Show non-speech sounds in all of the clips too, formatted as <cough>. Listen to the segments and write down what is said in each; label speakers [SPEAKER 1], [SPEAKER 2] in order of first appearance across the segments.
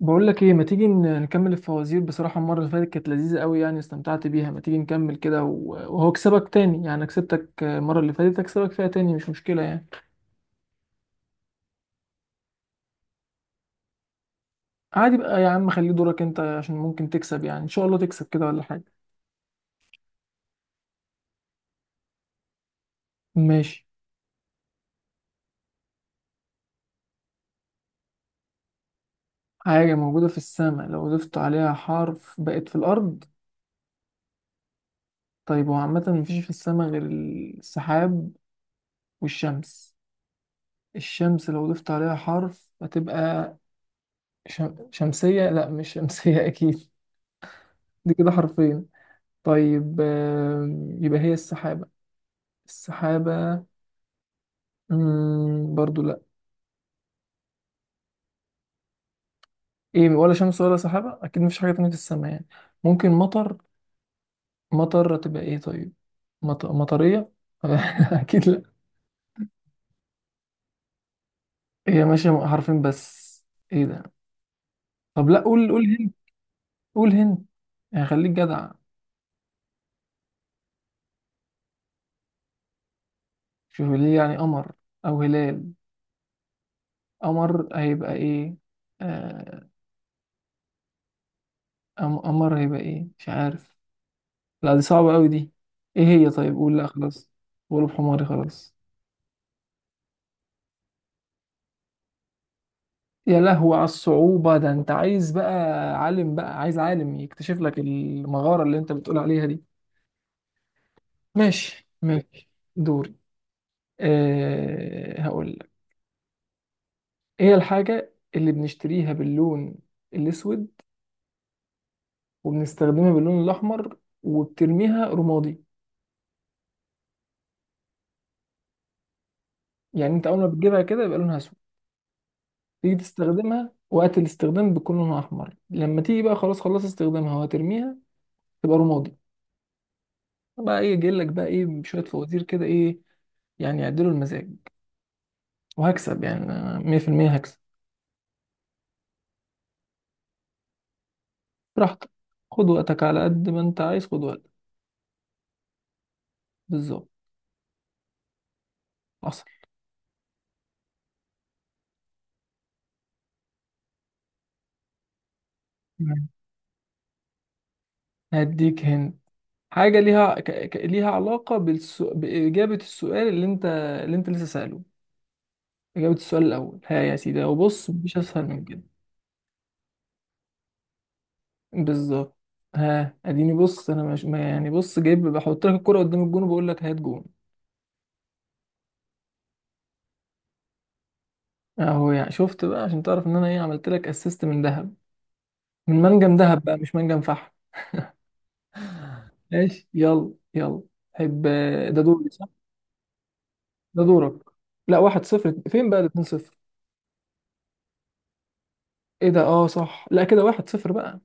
[SPEAKER 1] بقول لك ايه، ما تيجي نكمل الفوازير؟ بصراحة المرة اللي فاتت كانت لذيذة قوي يعني، استمتعت بيها. ما تيجي نكمل كده وهو كسبك تاني؟ يعني كسبتك المرة اللي فاتت، اكسبك فيها تاني مش مشكلة يعني. عادي بقى يا عم، خليه دورك انت عشان ممكن تكسب، يعني ان شاء الله تكسب كده ولا حاجة. ماشي. حاجة موجودة في السماء لو ضفت عليها حرف بقت في الأرض. طيب، هو عامة مفيش في السماء غير السحاب والشمس. الشمس لو ضفت عليها حرف هتبقى شمسية. لا، مش شمسية <laughs> أكيد. دي كده حرفين. طيب يبقى هي السحابة. السحابة. برضو لا. ايه، ولا شمس ولا سحابة، اكيد مفيش حاجة تانية في السماء يعني. ممكن مطر. مطر هتبقى ايه طيب؟ مطرية <laughs> اكيد لا. هي ماشية حرفين بس. ايه ده؟ طب لا، قول قول هند. قول هند يعني، خليك جدع. شوف ليه يعني قمر، او هلال. قمر هيبقى ايه؟ آه، قمر هيبقى ايه؟ مش عارف. لا دي صعبة قوي دي. ايه هي طيب؟ قول، لا خلاص، غلب حماري خلاص. يا لهو على الصعوبة! ده انت عايز بقى عالم، بقى عايز عالم يكتشف لك المغارة اللي انت بتقول عليها دي. ماشي ماشي. دوري. أه، هقول لك. ايه الحاجة اللي بنشتريها باللون الاسود، وبنستخدمها باللون الاحمر، وبترميها رمادي؟ يعني انت اول ما بتجيبها كده يبقى لونها اسود، تيجي تستخدمها وقت الاستخدام بيكون لونها احمر، لما تيجي بقى خلاص خلص استخدامها وهترميها تبقى رمادي. بقى ايه جاي لك بقى ايه، شوية فوازير كده ايه يعني، يعدلوا المزاج. وهكسب يعني، أنا 100% هكسب. براحتك، خد وقتك على قد ما انت عايز، خد وقتك. بالظبط. حصل. تمام. هديك هند، حاجة ليها علاقة بإجابة السؤال اللي انت لسه سأله. إجابة السؤال الأول. ها يا سيدي، وبص مفيش أسهل من كده. بالظبط. ها اديني، بص انا مش ما يعني بص جايب، بحط لك الكرة قدام الجون وبقول لك هات جون. اهو، يعني شفت بقى عشان تعرف ان انا ايه، عملت لك اسيست من ذهب، من منجم ذهب بقى مش منجم فحم. ماشي، يلا يلا. حب. ده دوري صح؟ ده دورك. لا، 1-0 فين بقى 2-0؟ ايه ده؟ اه صح، لا كده 1-0 بقى.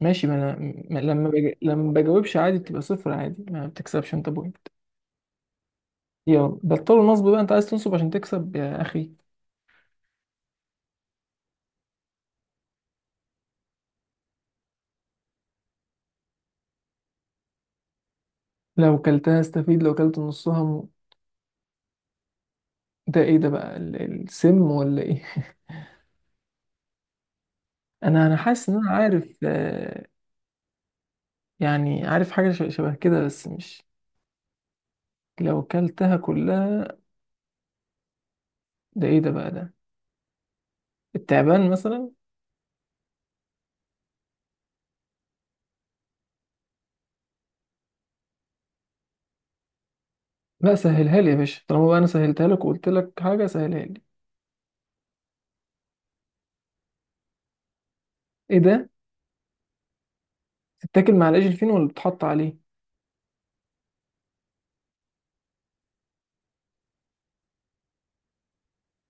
[SPEAKER 1] ماشي، ما انا، ما لما بج... لما بجاوبش عادي بتبقى صفر عادي، ما بتكسبش انت بوينت. يلا بطلوا النصب بقى، انت عايز تنصب عشان تكسب يا اخي. لو كلتها استفيد، لو كلت نصها ده ايه ده بقى، السم ولا ايه؟ <laughs> انا حاسس ان انا عارف، يعني عارف حاجة شبه كده بس مش. لو كلتها كلها، ده ايه ده بقى، ده التعبان مثلا. لا سهلها لي يا باشا، طالما بقى انا سهلتها لك وقلت لك حاجه، سهلها لي. ايه ده، تتاكل مع العيش الفين ولا بتحط عليه؟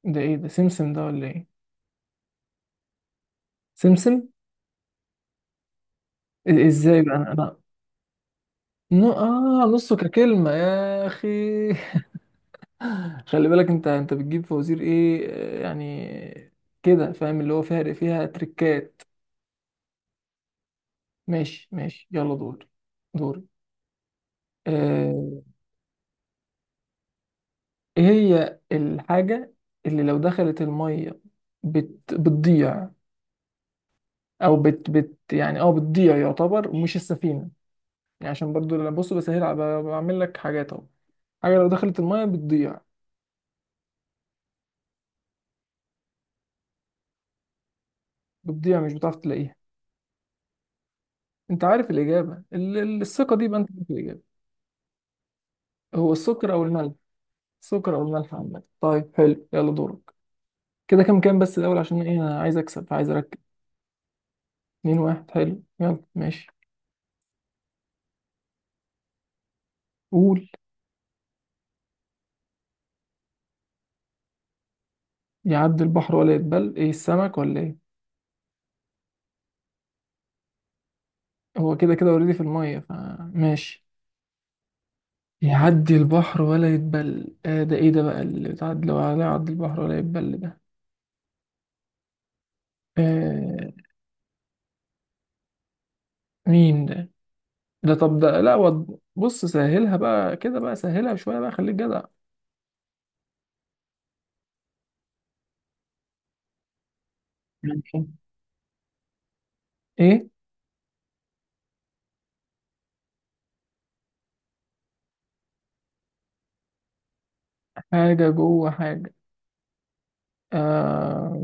[SPEAKER 1] ده ايه ده، سمسم ده ولا ايه؟ سمسم. ازاي بقى انا؟ نو اه، نصه ككلمه يا اخي. <laughs> خلي بالك، انت بتجيب فوازير ايه يعني، كده فاهم اللي هو فيها تريكات. ماشي ماشي، يلا دور. دور. آه، ايه هي الحاجه اللي لو دخلت الميه بتضيع، او بت بت يعني اه بتضيع يعتبر مش السفينه؟ يعني عشان برضو لما بص بسهل بعمل لك حاجات اهو. حاجه لو دخلت الميه بتضيع، بتضيع مش بتعرف تلاقيها. انت عارف الاجابه، الثقه دي بقى انت عارف الاجابه. هو السكر او الملح. السكر او الملح عامه، طيب حلو، يلا دورك. كده كام كام بس الاول عشان ايه، انا عايز اكسب، عايز اركب. 2-1، حلو يلا ماشي. قول. يعدي البحر ولا يتبل؟ ايه السمك ولا ايه؟ هو كده كده اوريدي في الميه فماشي. يعدي البحر ولا يتبل، ده ايه ده بقى اللي تعد لو على يعدي البحر ولا يتبل ده؟ آه مين ده؟ ده طب ده لا بص سهلها بقى كده بقى، سهلها شوية بقى، خليك جدع. ماشي. ايه؟ حاجة جوه حاجة. آه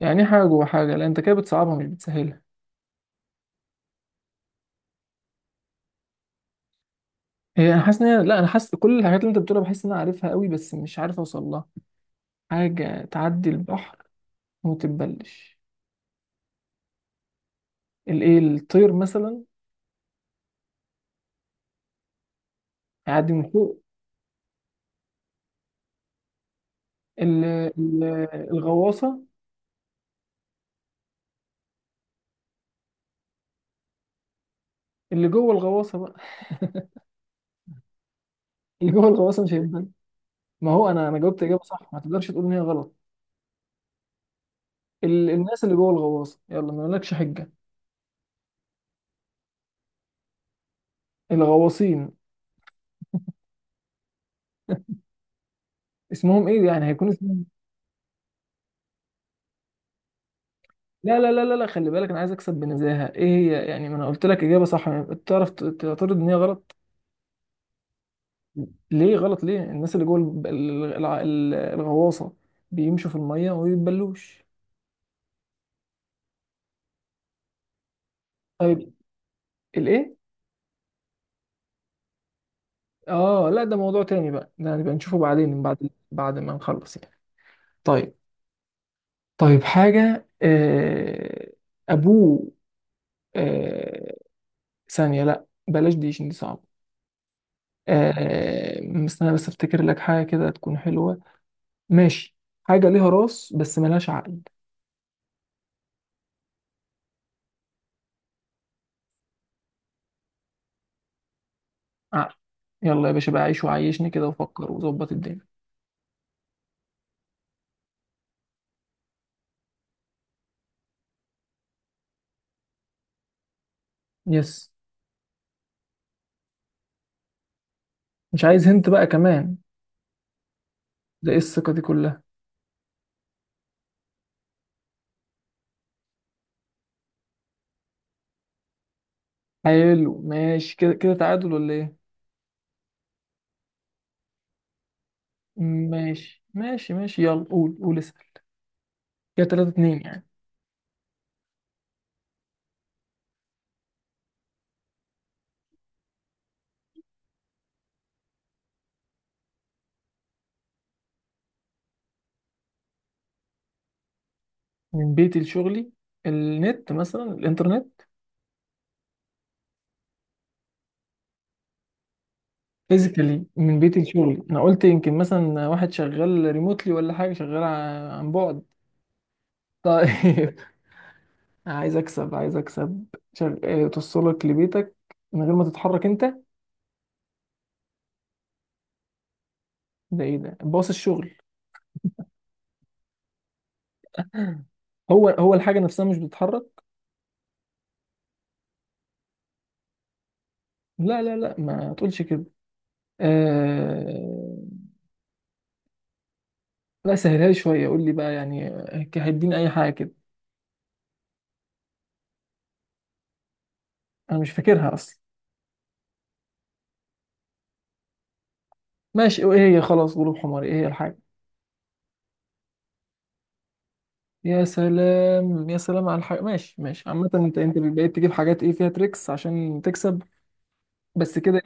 [SPEAKER 1] يعني إيه حاجة جوه حاجة؟ لا انت كده بتصعبها مش بتسهلها. هي انا حاسس ان هي، لا انا حاسس كل الحاجات اللي انت بتقولها بحس ان انا عارفها قوي بس مش عارف اوصل لها. حاجة تعدي البحر وما تتبلش. الايه، الطير مثلا؟ يعدي من فوق. ال- ال- الغواصه. اللي جوه الغواصه بقى <laughs> اللي جوه الغواصه مش هينفع. ما هو انا جاوبت اجابه صح، ما تقدرش تقول ان هي غلط. الناس اللي جوه الغواصه، يلا ما لكش حجه. الغواصين. اسمهم ايه يعني، هيكون اسمهم إيه؟ لا لا لا لا لا، خلي بالك انا عايز اكسب بنزاهه، ايه هي يعني؟ ما انا قلت لك اجابه صح يعني، تعرف تعترض ان هي غلط؟ ليه غلط؟ ليه الناس اللي جوه الغواصه بيمشوا في الميه وما بيتبلوش. طيب الايه؟ اه لا، ده موضوع تاني بقى، ده هنبقى نشوفه بعدين بعد ما نخلص يعني. طيب. طيب حاجة، أبوه. آه، ثانية لأ، بلاش دي عشان دي صعبة. مستني بس أفتكر لك حاجة كده تكون حلوة. ماشي. حاجة ليها راس بس ملهاش عقل. عقل، يلا يا باشا بقى عيش وعيشني كده وفكر وظبط الدنيا. يس. مش عايز هنت بقى كمان؟ ده إيه الثقة دي كلها؟ حلو ماشي، كده كده تعادل ولا إيه؟ ماشي ماشي ماشي، يلا قول قول اسأل. كده 3-2 يعني. من بيتي لشغلي، النت مثلا، الإنترنت. فيزيكالي من بيتي لشغلي، انا قلت يمكن مثلا واحد شغال ريموتلي ولا حاجه، شغال عن بعد. طيب <laughs> عايز اكسب عايز اكسب. شغ... آه، توصلك لبيتك من غير ما تتحرك انت. ده ايه ده، باص الشغل؟ هو هو الحاجه نفسها مش بتتحرك. لا لا لا، ما تقولش كده. آه... لا سهلها لي شويه، قول لي بقى يعني، هيديني اي حاجه كده. انا مش فاكرها اصلا. ماشي، ايه هي؟ خلاص غروب حمار، ايه هي الحاجه؟ يا سلام يا سلام على الحاجة، ماشي ماشي. عامة انت بقيت تجيب حاجات ايه فيها تريكس عشان تكسب. بس كده.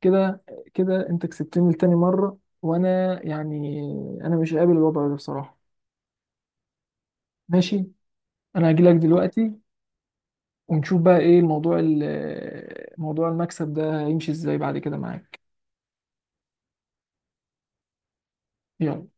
[SPEAKER 1] كده، كده انت كسبتني لتاني مرة، وانا يعني، انا مش قابل الوضع ده بصراحة. ماشي. انا هجيلك دلوقتي ونشوف بقى ايه الموضوع، موضوع المكسب ده هيمشي ازاي بعد كده معاك. يلا